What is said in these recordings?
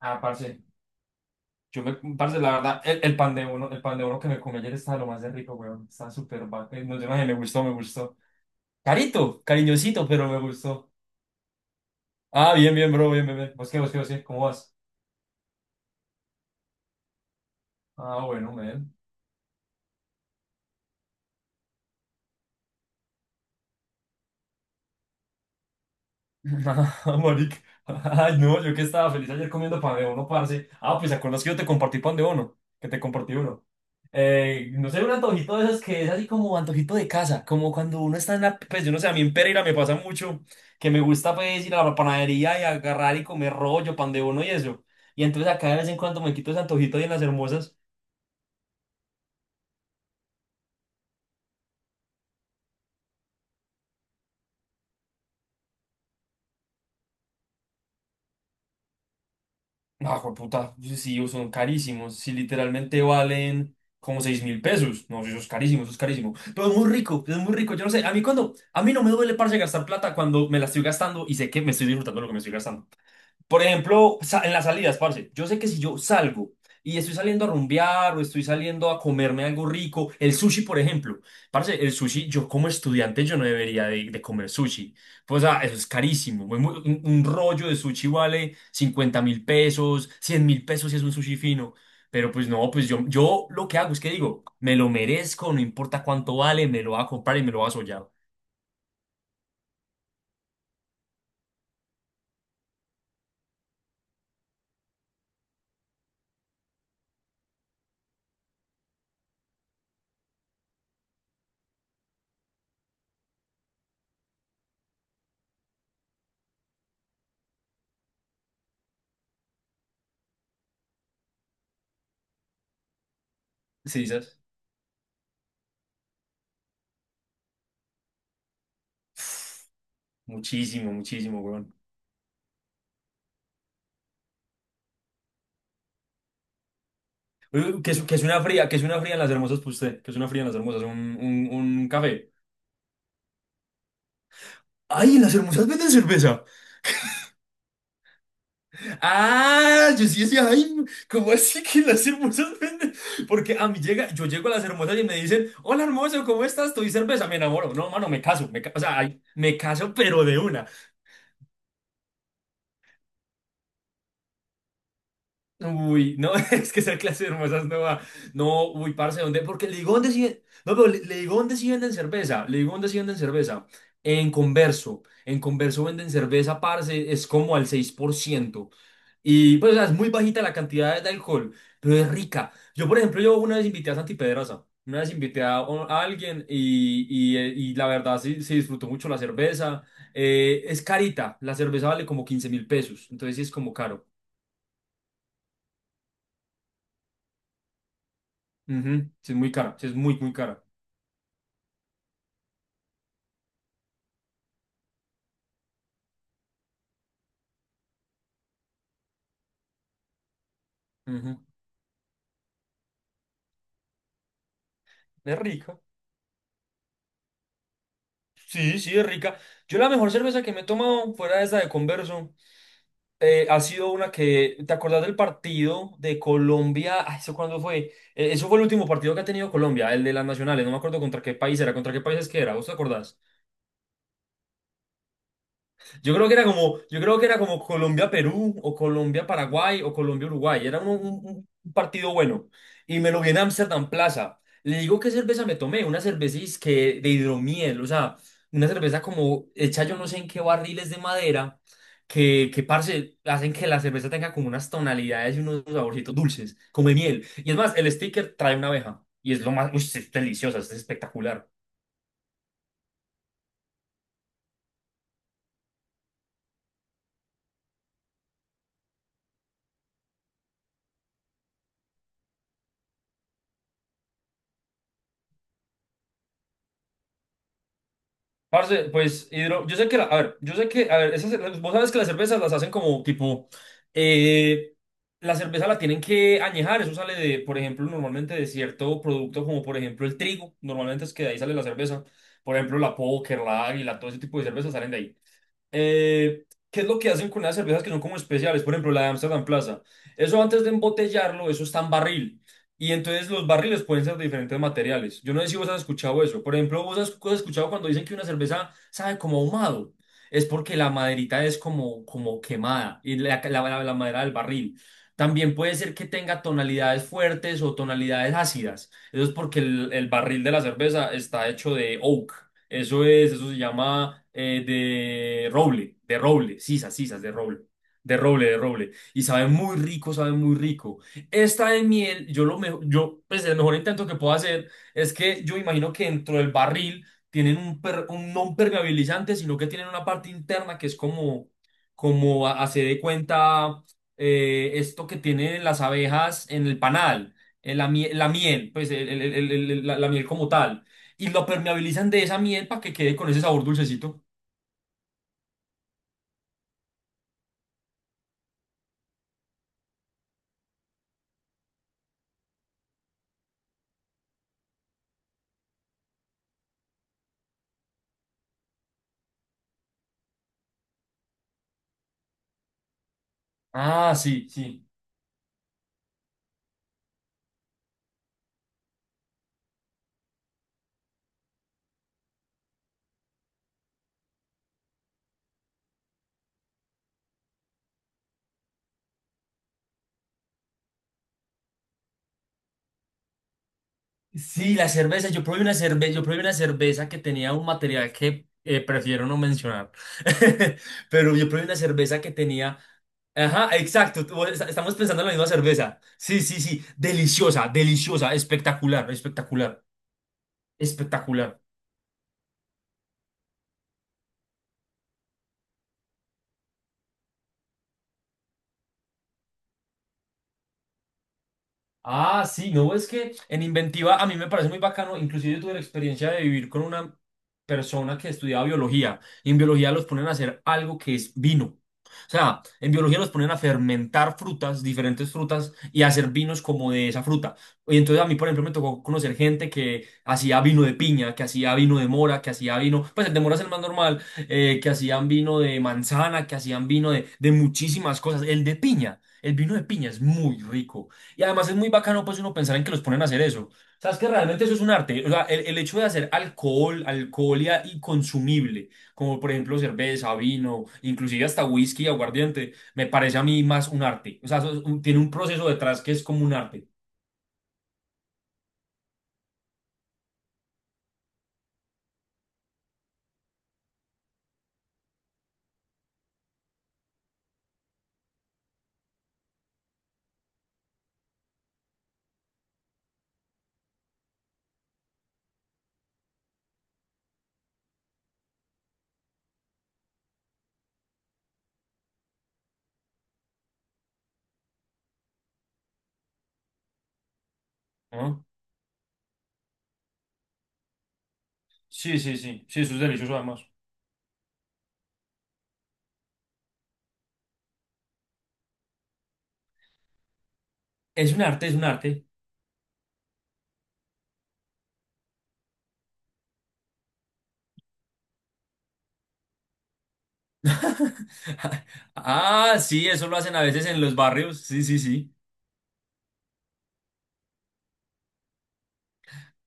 Ah, parce, yo parce, la verdad, el pan de uno que me comí ayer estaba lo más de rico, weón. No sé, maje, me gustó, me gustó. Carito, cariñosito, pero me gustó. Ah, bien, bien, bro, bien, bien, bien. ¿Vos qué, vos qué, vos qué? ¿Cómo vas? Ah, bueno, man. Ah, marica. Ay, no, yo que estaba feliz ayer comiendo pan de uno, parce. Ah, pues, ¿te acuerdas que yo te compartí pan de uno? Que te compartí uno. No sé, un antojito de esos que es así como antojito de casa, como cuando uno está en la, pues yo no sé, a mí en Pereira me pasa mucho que me gusta pues ir a la panadería y agarrar y comer rollo, pan de bono y eso. Y entonces acá de vez en cuando me quito ese antojito ahí en las hermosas. Ah, puta, pues, sí, son carísimos, sí, literalmente valen como 6.000 pesos. No, eso es carísimo, eso es carísimo. Pero es muy rico, yo no sé, a mí cuando, a mí no me duele, parce, gastar plata cuando me la estoy gastando y sé que me estoy disfrutando de lo que me estoy gastando. Por ejemplo, en las salidas, parce, yo sé que si yo salgo y estoy saliendo a rumbear o estoy saliendo a comerme algo rico, el sushi, por ejemplo, parce, el sushi, yo como estudiante yo no debería de comer sushi. Pues, o sea, eso es carísimo. Un rollo de sushi vale 50.000 pesos, 100.000 pesos si es un sushi fino. Pero pues no, pues yo lo que hago es que digo, me lo merezco, no importa cuánto vale, me lo voy a comprar y me lo voy a sollar. Sí, ¿sabes? Muchísimo, muchísimo, weón. Que es una fría, que es una fría en las hermosas, pues usted, que es una fría en las hermosas, un café. ¡Ay, en las hermosas venden cerveza! Ah, yo sí decía, ay, ¿cómo así que en las hermosas venden? Porque yo llego a las hermosas y me dicen, hola hermoso, ¿cómo estás? Estoy cerveza, me enamoro. No, mano, me caso, o sea, ay, me caso, pero de una. Uy, no, es que esa clase de hermosas no va. No, uy, parce, ¿dónde? Porque le digo dónde sí. No, pero le digo dónde sí venden cerveza. Le digo dónde sí venden cerveza. En Converso. En Converso venden cerveza, parce, es como al 6%. Y pues, o sea, es muy bajita la cantidad de alcohol, pero es rica. Yo, por ejemplo, yo una vez invité a Santi Pedraza. Una vez invité a alguien y la verdad sí, sí disfrutó mucho la cerveza. Es carita, la cerveza vale como 15.000 pesos, entonces sí es como caro. Ujú. Sí, es muy cara, sí, es muy, muy cara. Ujú. Es rica. Sí, sí, es rica. Yo la mejor cerveza que me he tomado fuera de esa de Converso ha sido una que, ¿te acordás del partido de Colombia? Ay, ¿eso cuándo fue? Eso fue el último partido que ha tenido Colombia, el de las nacionales. No me acuerdo contra qué país era, contra qué países que era. ¿Vos te acordás? Yo creo que era como, yo creo que era como Colombia-Perú o Colombia-Paraguay o Colombia-Uruguay. Era un partido bueno. Y me lo vi en Amsterdam Plaza. Le digo qué cerveza me tomé, una cerveza que de hidromiel, o sea, una cerveza como hecha yo no sé en qué barriles de madera, que parce, hacen que la cerveza tenga como unas tonalidades y unos saborcitos dulces, como de miel. Y es más, el sticker trae una abeja. Y es lo más, uy, es deliciosa, es espectacular. Parce, pues hidro, yo sé que la, a ver, yo sé que, a ver, vos sabes que las cervezas las hacen como tipo, eh, la cerveza la tienen que añejar, eso sale de, por ejemplo, normalmente de cierto producto como por ejemplo el trigo, normalmente es que de ahí sale la cerveza, por ejemplo la Póker, la Águila, todo ese tipo de cervezas salen de ahí. ¿Qué es lo que hacen con las cervezas que son como especiales? Por ejemplo, la de Amsterdam Plaza. Eso antes de embotellarlo, eso está en barril. Y entonces los barriles pueden ser de diferentes materiales. Yo no sé si vos has escuchado eso. Por ejemplo, vos has escuchado cuando dicen que una cerveza sabe como ahumado. Es porque la maderita es como quemada y la madera del barril. También puede ser que tenga tonalidades fuertes o tonalidades ácidas. Eso es porque el barril de la cerveza está hecho de oak. Eso es, eso se llama de roble, sisas, sisas, de roble, de roble, de roble. Y sabe muy rico, sabe muy rico. Esta de miel, yo lo mejor, yo, pues el mejor intento que puedo hacer es que yo imagino que dentro del barril tienen un no un permeabilizante, sino que tienen una parte interna que es como hace de cuenta esto que tienen las abejas en el panal, en la miel, pues la miel como tal y lo permeabilizan de esa miel para que quede con ese sabor dulcecito. Ah, sí, sí. Sí, la cerveza. Yo probé una cerveza que tenía un material que prefiero no mencionar. Pero yo probé una cerveza que tenía. Ajá, exacto. Estamos pensando en la misma cerveza. Sí, sí, sí. Deliciosa, deliciosa, espectacular, espectacular, espectacular. Ah, sí, no, es que en Inventiva a mí me parece muy bacano, inclusive yo tuve la experiencia de vivir con una persona que estudiaba biología y en biología los ponen a hacer algo que es vino. O sea, en biología los ponen a fermentar frutas, diferentes frutas y a hacer vinos como de esa fruta. Y entonces a mí, por ejemplo, me tocó conocer gente que hacía vino de piña, que hacía vino de mora, que hacía vino, pues el de mora es el más normal, que hacían vino de manzana, que hacían vino de muchísimas cosas. El de piña, el vino de piña es muy rico. Y además es muy bacano pues uno pensar en que los ponen a hacer eso. Sabes que realmente eso es un arte. O sea, el hecho de hacer alcohol, alcohol y consumible, como por ejemplo cerveza, vino, inclusive hasta whisky, aguardiente, me parece a mí más un arte. O sea, eso es tiene un proceso detrás que es como un arte. ¿No? Sí, sí, sí. Sí, eso es delicioso además. Es un arte, es un arte. Ah, sí, eso lo hacen a veces en los barrios. Sí, sí, sí.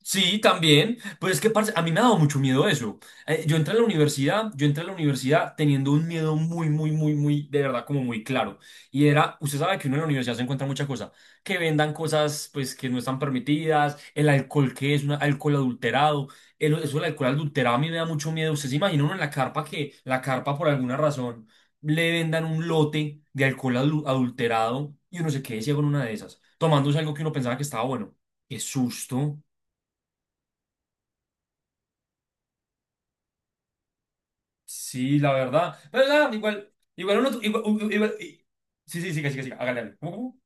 Sí, también. Pues es que, parce, a mí me ha dado mucho miedo eso. Yo entré a la universidad, yo entré a la universidad teniendo un miedo muy, muy, muy, muy, de verdad, como muy claro. Y era, usted sabe que uno en la universidad se encuentra mucha cosa, que vendan cosas, pues, que no están permitidas, el alcohol que es un alcohol adulterado, eso del alcohol adulterado a mí me da mucho miedo. Usted se imagina uno en la carpa por alguna razón, le vendan un lote de alcohol adulterado y uno se quede ciego en una de esas, tomándose algo que uno pensaba que estaba bueno. Qué susto. Sí, la verdad. Pero nada, igual, igual uno, igual, sí sí sí, que sí, siga, siga, hágale, hágale. ¿Cómo, cómo?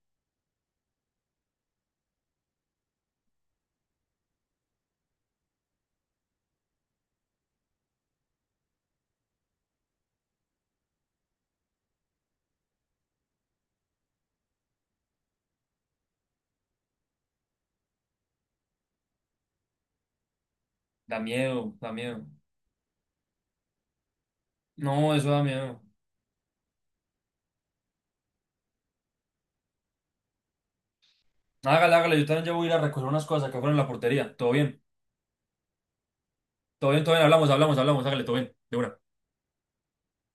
Da miedo, da miedo. No, eso da miedo. Hágale, hágale, yo también ya voy a ir a recoger unas cosas que fueron en la portería. Todo bien, todo bien, todo bien, hablamos, hablamos, hablamos, hágale, todo bien, de una.